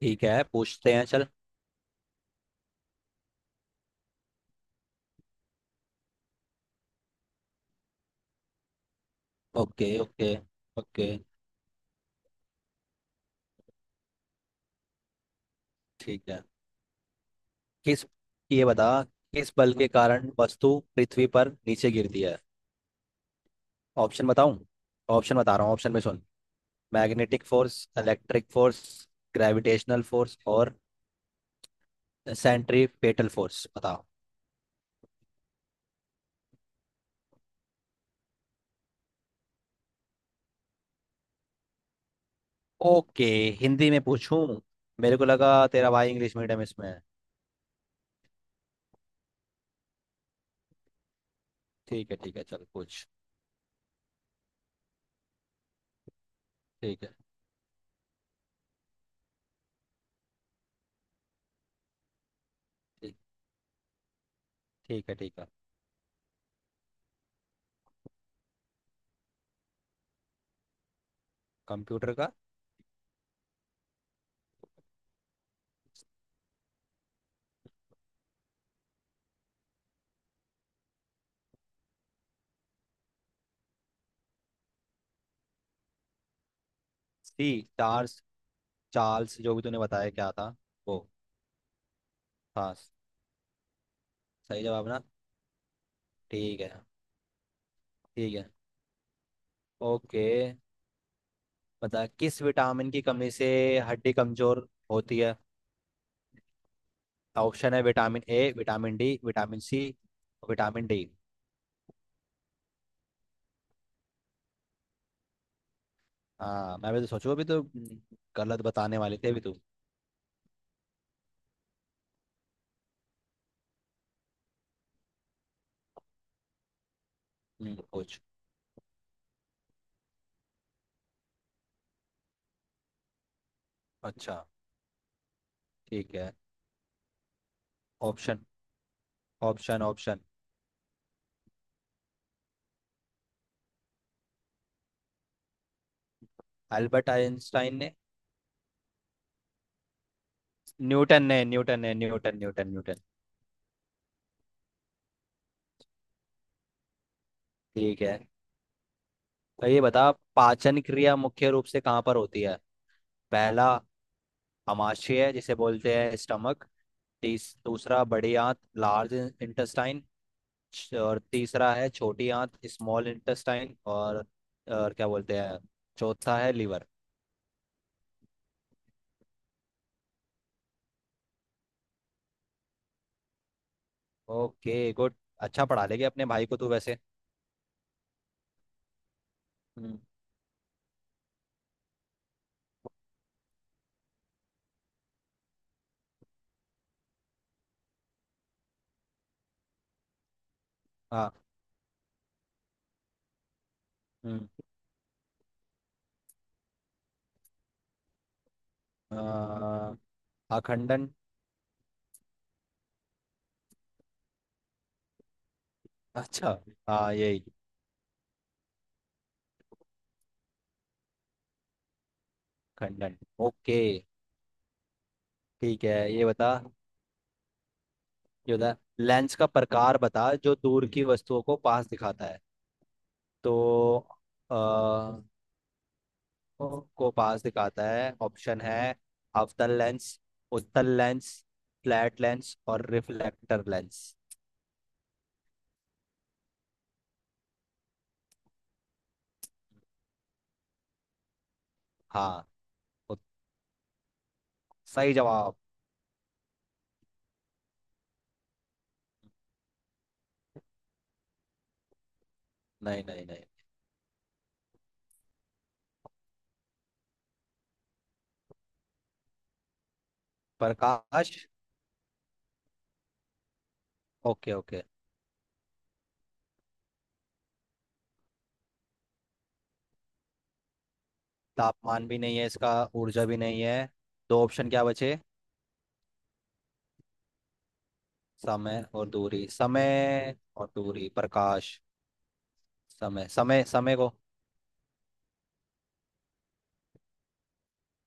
ठीक है, पूछते हैं। चल। Okay, okay, okay. ठीक है। किस ये बता, किस बल के कारण वस्तु पृथ्वी पर नीचे गिरती है? ऑप्शन बताऊं? ऑप्शन बता रहा हूँ, ऑप्शन में सुन। Magnetic force, electric force, gravitational force और सेंट्रीपेटल फोर्स। बताओ। ओके। हिंदी में पूछूं? मेरे को लगा तेरा भाई इंग्लिश मीडियम इसमें है। ठीक है, ठीक है, चल पूछ। ठीक है ठीक ठीक है, ठीक है। कंप्यूटर का... सी। चार। चार्ल्स, जो भी तूने बताया, क्या था? वो था? सही जवाब ना? ठीक है। ठीक है। ओके, बता। किस विटामिन की कमी से हड्डी कमजोर होती है? ऑप्शन है vitamin A, vitamin D, vitamin C, vitamin D. हाँ, मैं भी तो सोचूं अभी तो। गलत बताने वाले थे अभी तो। कुछ अच्छा। ठीक है। Option, option, option. Albert Einstein ने? न्यूटन ने, न्यूटन ने, न्यूटन, न्यूटन, न्यूटन। ठीक है। तो ये बता, पाचन क्रिया मुख्य रूप से कहाँ पर होती है? पहला, आमाशय है, जिसे बोलते हैं स्टमक। तीस— दूसरा, बड़ी आंत, लार्ज इंटेस्टाइन। और तीसरा है छोटी आंत, स्मॉल इंटेस्टाइन। और क्या बोलते हैं... चौथा है लीवर। Okay, good. अच्छा, पढ़ा लेंगे अपने भाई को तू वैसे। हम्म, हाँ। हम्म, आ, अखंडन। अच्छा, हाँ यही। खंडन। ओके, ठीक है। ये बता, लेंस का प्रकार बता जो दूर की वस्तुओं को पास दिखाता है। तो... को पास दिखाता है। ऑप्शन है अवतल लेंस, उत्तल लेंस, फ्लैट लेंस और रिफ्लेक्टर लेंस। हाँ। उत- सही जवाब। नहीं, नहीं, नहीं। प्रकाश। Okay, okay. तापमान भी नहीं है इसका, ऊर्जा भी नहीं है। दो ऑप्शन क्या बचे? समय और दूरी। समय और दूरी। प्रकाश। समय समय समय को।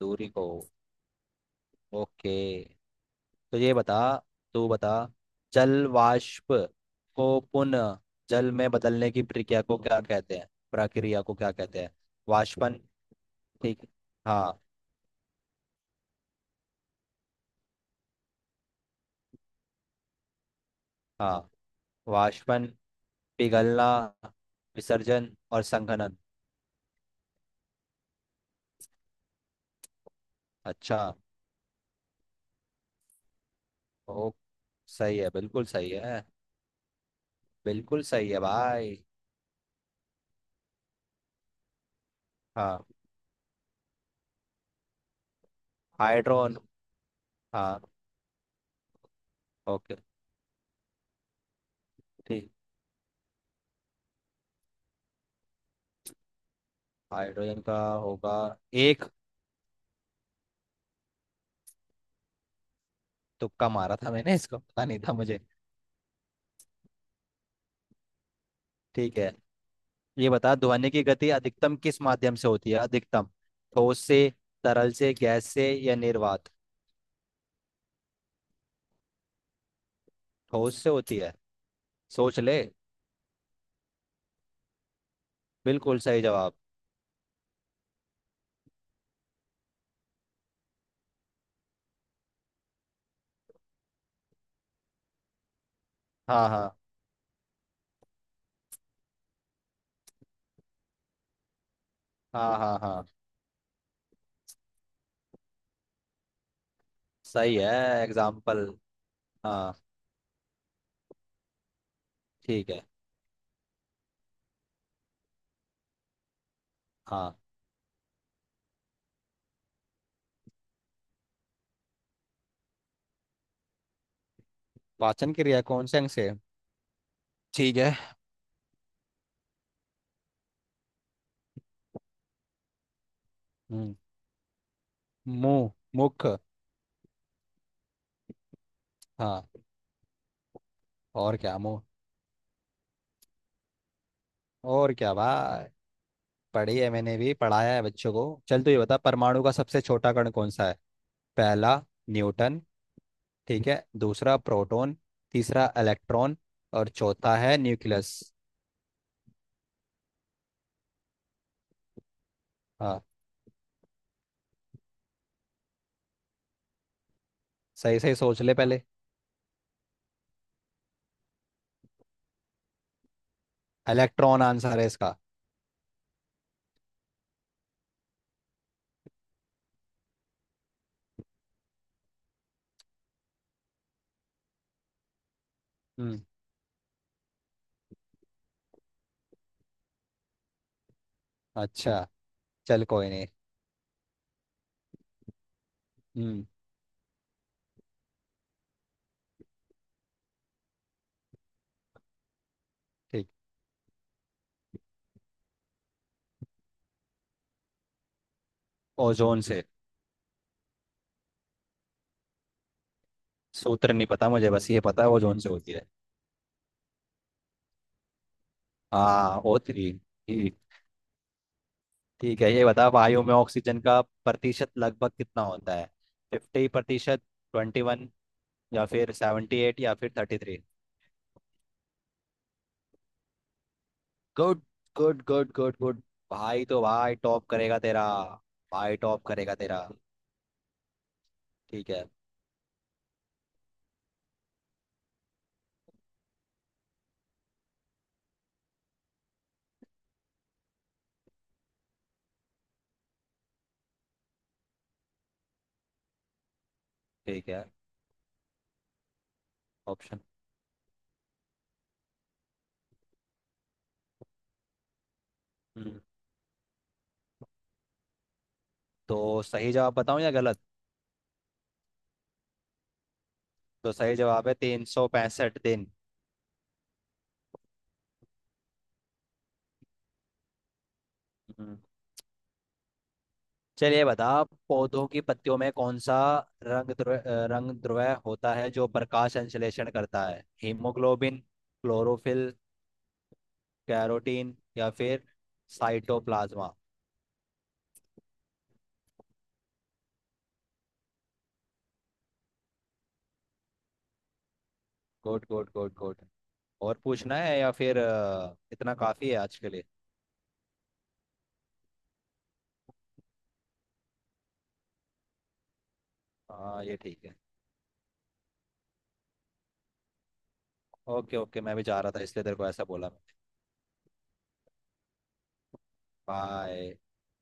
दूरी को। ओके। तो ये बता। तू बता। जल वाष्प को पुनः जल में बदलने की प्रक्रिया को क्या कहते हैं, प्रक्रिया को क्या कहते हैं? वाष्पन? ठीक, हाँ। हाँ, वाष्पन, पिघलना, विसर्जन और संघनन। अच्छा। ओ, सही है, बिल्कुल सही है। बिल्कुल सही है भाई। हाँ। हाइड्रोन। हाँ। ओके, ठीक। हाइड्रोजन का होगा... एक। तुक्का मारा था मैंने, इसको पता नहीं था मुझे। ठीक है। ये बता, ध्वनि की गति अधिकतम किस माध्यम से होती है? अधिकतम ठोस से, तरल से, गैस से या निर्वात? ठोस से होती है। सोच ले। बिल्कुल सही जवाब। हाँ, हाँ, हाँ, हाँ, हाँ। सही है। एग्जाम्पल। हाँ। ठीक है। हाँ। पाचन क्रिया कौन से अंग से है? ठीक है। हम्म, मुंह, मुख। हाँ, और क्या? मुंह। और क्या भाई, पढ़ी है, मैंने भी पढ़ाया है बच्चों को। चल, तू ये बता, परमाणु का सबसे छोटा कण कौन सा है? पहला, न्यूटन। ठीक है। दूसरा, प्रोटॉन। तीसरा, इलेक्ट्रॉन। और चौथा है न्यूक्लियस। हाँ। सही सही सोच ले पहले। इलेक्ट्रॉन आंसर है इसका। हम्म। अच्छा, चल, कोई नहीं। हम्म। ठीक। ओजोन से। सूत्र नहीं पता मुझे, बस ये पता है ओजोन से होती है। हाँ, O3। ठीक। ठीक है, ये बता, वायु में ऑक्सीजन का प्रतिशत लगभग कितना होता है? 50%, 21, या फिर 78, या फिर 33? Good. Good, good, good, good. भाई तो भाई, टॉप करेगा तेरा। भाई टॉप करेगा तेरा। ठीक है। ठीक है। ऑप्शन। हम्म, तो सही जवाब बताऊं या गलत? तो सही जवाब है 365 दिन। हम्म। चलिए बता, पौधों की पत्तियों में कौन सा रंग द्रव्य, रंग द्रव्य होता है जो प्रकाश संश्लेषण करता है? हीमोग्लोबिन, क्लोरोफिल, कैरोटीन या फिर cytoplasm? Good, good, good, good. और पूछना है या फिर इतना काफ़ी है आज के लिए? हाँ, ये ठीक है। ओके, ओके, मैं भी जा रहा था इसलिए तेरे को ऐसा बोला। बाय।